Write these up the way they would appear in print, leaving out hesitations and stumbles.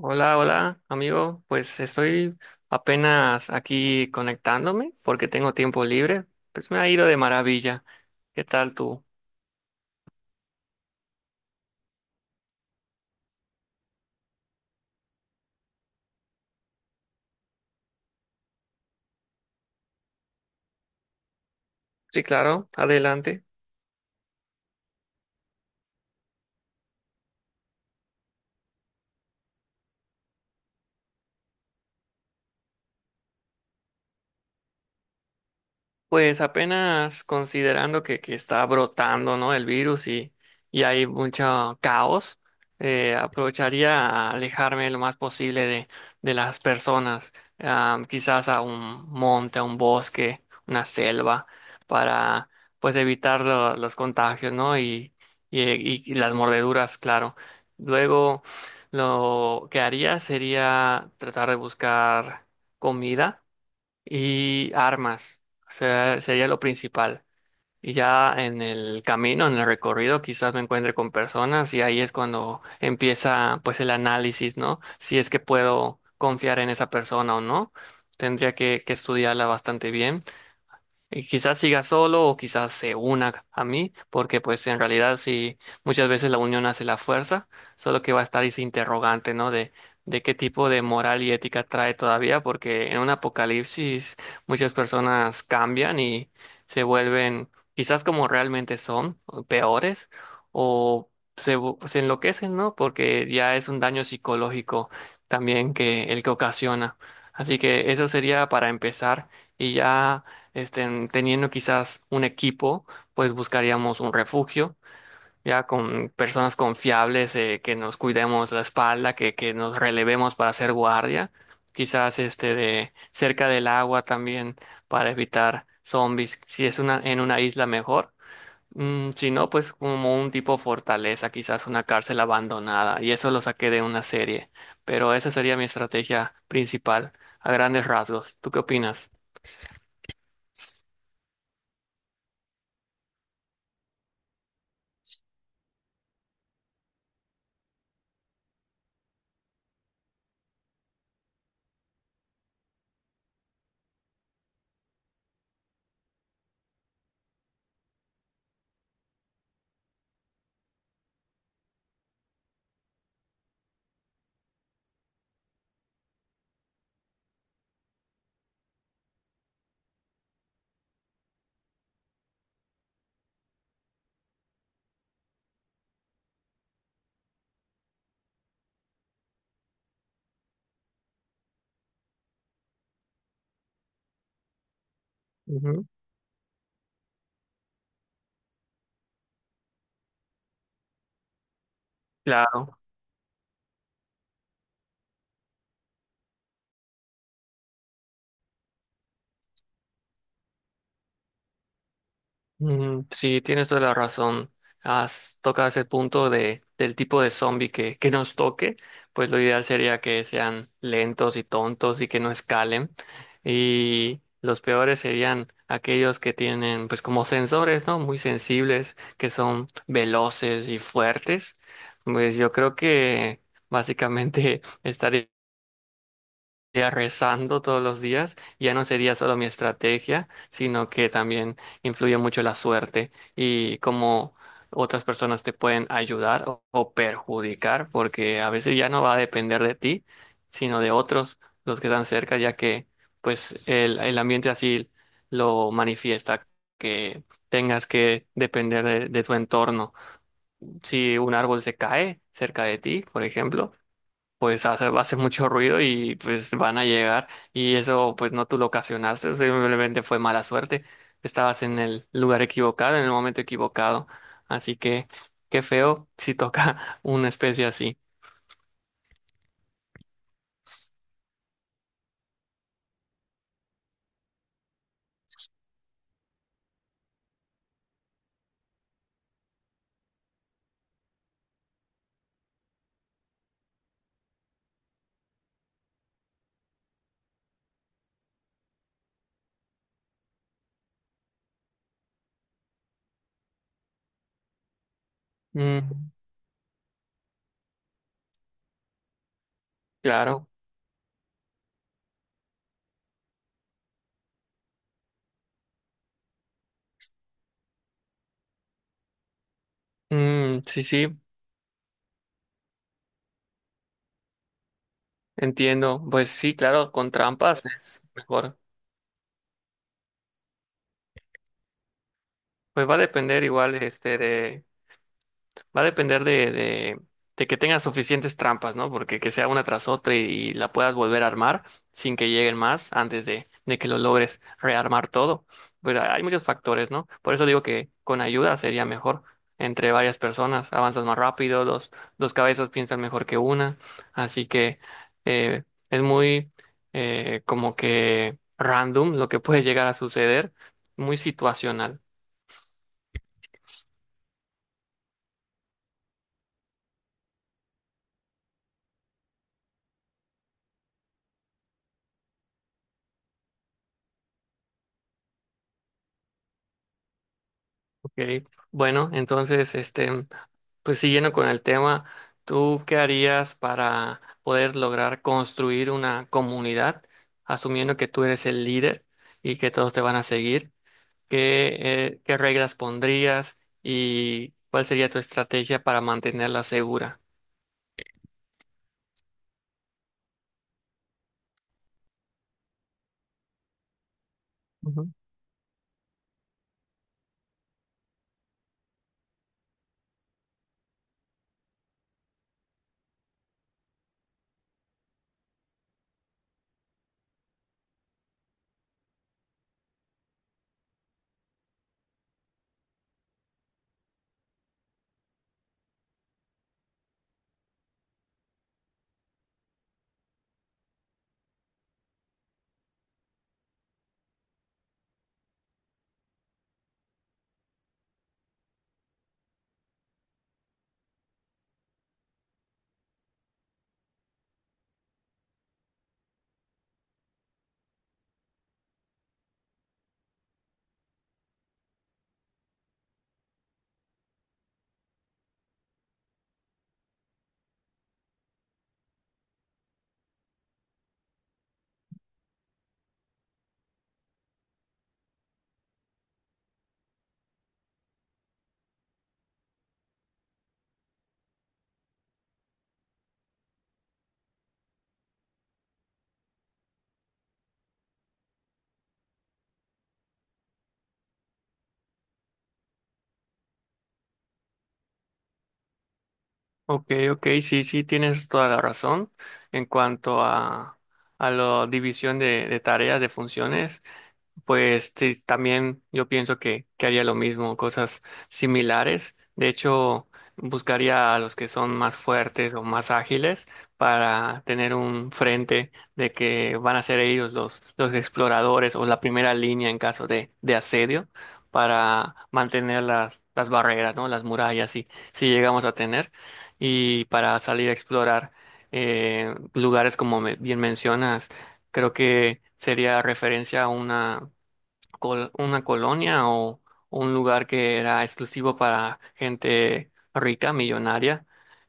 Hola, hola, amigo. Pues estoy apenas aquí conectándome porque tengo tiempo libre. Pues me ha ido de maravilla. ¿Qué tal tú? Sí, claro, adelante. Pues apenas considerando que está brotando, ¿no? El virus y hay mucho caos, aprovecharía a alejarme lo más posible de las personas, ah, quizás a un monte, a un bosque, una selva, para pues evitar los contagios, ¿no? Y las mordeduras, claro. Luego, lo que haría sería tratar de buscar comida y armas. O sea, sería lo principal. Y ya en el camino, en el recorrido, quizás me encuentre con personas y ahí es cuando empieza pues el análisis, ¿no? Si es que puedo confiar en esa persona o no. Tendría que estudiarla bastante bien y quizás siga solo o quizás se una a mí, porque pues en realidad sí, muchas veces la unión hace la fuerza, solo que va a estar ese interrogante, ¿no? De qué tipo de moral y ética trae todavía, porque en un apocalipsis muchas personas cambian y se vuelven quizás como realmente son, o peores, o se enloquecen, ¿no? Porque ya es un daño psicológico también que el que ocasiona. Así que eso sería para empezar y ya teniendo quizás un equipo, pues buscaríamos un refugio, ya con personas confiables, que nos cuidemos la espalda, que nos relevemos para hacer guardia, quizás este de cerca del agua también para evitar zombies, si es una, en una isla mejor. Si no, pues como un tipo fortaleza, quizás una cárcel abandonada, y eso lo saqué de una serie, pero esa sería mi estrategia principal, a grandes rasgos. ¿Tú qué opinas? Ujú. Claro. Mm, sí, tienes toda la razón. Has tocado ese punto de, del tipo de zombie que nos toque, pues lo ideal sería que sean lentos y tontos y que no escalen. Y los peores serían aquellos que tienen, pues como sensores, ¿no? Muy sensibles, que son veloces y fuertes. Pues yo creo que básicamente estaría rezando todos los días, ya no sería solo mi estrategia, sino que también influye mucho la suerte y cómo otras personas te pueden ayudar o perjudicar, porque a veces ya no va a depender de ti, sino de otros, los que están cerca, ya que pues el ambiente así lo manifiesta, que tengas que depender de tu entorno. Si un árbol se cae cerca de ti, por ejemplo, pues hace mucho ruido y pues van a llegar y eso pues no tú lo ocasionaste, simplemente fue mala suerte, estabas en el lugar equivocado, en el momento equivocado, así que qué feo si toca una especie así. Mm, claro. Mm, sí, sí, entiendo, pues sí, claro, con trampas es mejor, pues va a depender igual este de. Va a depender de que tengas suficientes trampas, ¿no? Porque que sea una tras otra y la puedas volver a armar sin que lleguen más antes de que lo logres rearmar todo. Pues hay muchos factores, ¿no? Por eso digo que con ayuda sería mejor entre varias personas. Avanzas más rápido, dos cabezas piensan mejor que una. Así que eh, es muy como que random lo que puede llegar a suceder, muy situacional. ¿Ok? Bueno, entonces, este. Pues siguiendo con el tema, ¿tú qué harías para poder lograr construir una comunidad, asumiendo que tú eres el líder y que todos te van a seguir? ¿Qué, qué reglas pondrías y cuál sería tu estrategia para mantenerla segura? Ujú. Ok, ok, sí, sí, tienes toda la razón en cuanto a la división de tareas, de funciones. Pues sí, también yo pienso que haría lo mismo, cosas similares. De hecho, buscaría a los que son más fuertes o más ágiles para tener un frente de que van a ser ellos los exploradores o la primera línea en caso de asedio para mantener las barreras, ¿no? Las murallas, si llegamos a tener, y para salir a explorar lugares como bien mencionas. Creo que sería referencia a una una colonia o un lugar que era exclusivo para gente rica, millonaria,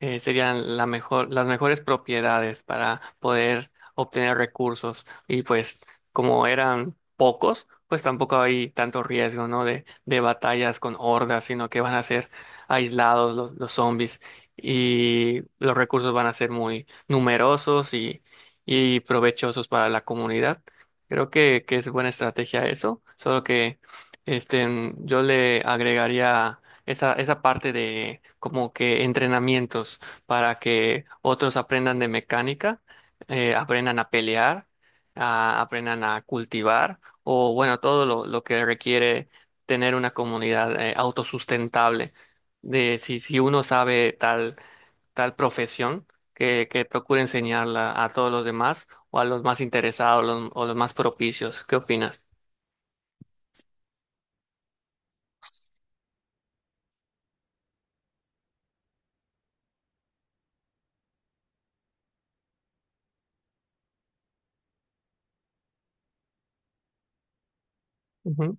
serían la mejor, las mejores propiedades para poder obtener recursos. Y pues como eran pocos, pues tampoco hay tanto riesgo, ¿no? De batallas con hordas, sino que van a ser aislados los zombies y los recursos van a ser muy numerosos y provechosos para la comunidad. Creo que es buena estrategia eso, solo que yo le agregaría esa parte de como que entrenamientos para que otros aprendan de mecánica, aprendan a pelear, aprendan a cultivar o bueno, todo lo que requiere tener una comunidad autosustentable. De si uno sabe tal tal profesión que procure enseñarla a todos los demás o a los más interesados o los más propicios. ¿Qué opinas? Ujú.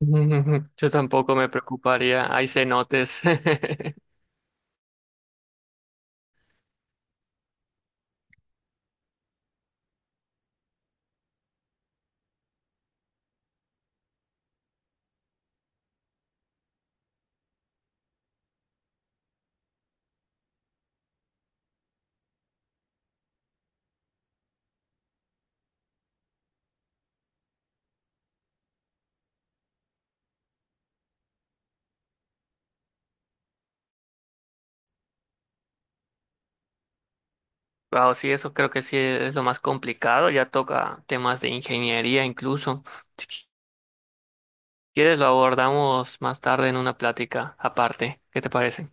Yo tampoco me preocuparía. Hay cenotes. Wow, sí, eso creo que sí es lo más complicado. Ya toca temas de ingeniería incluso. Si quieres, lo abordamos más tarde en una plática aparte. ¿Qué te parece?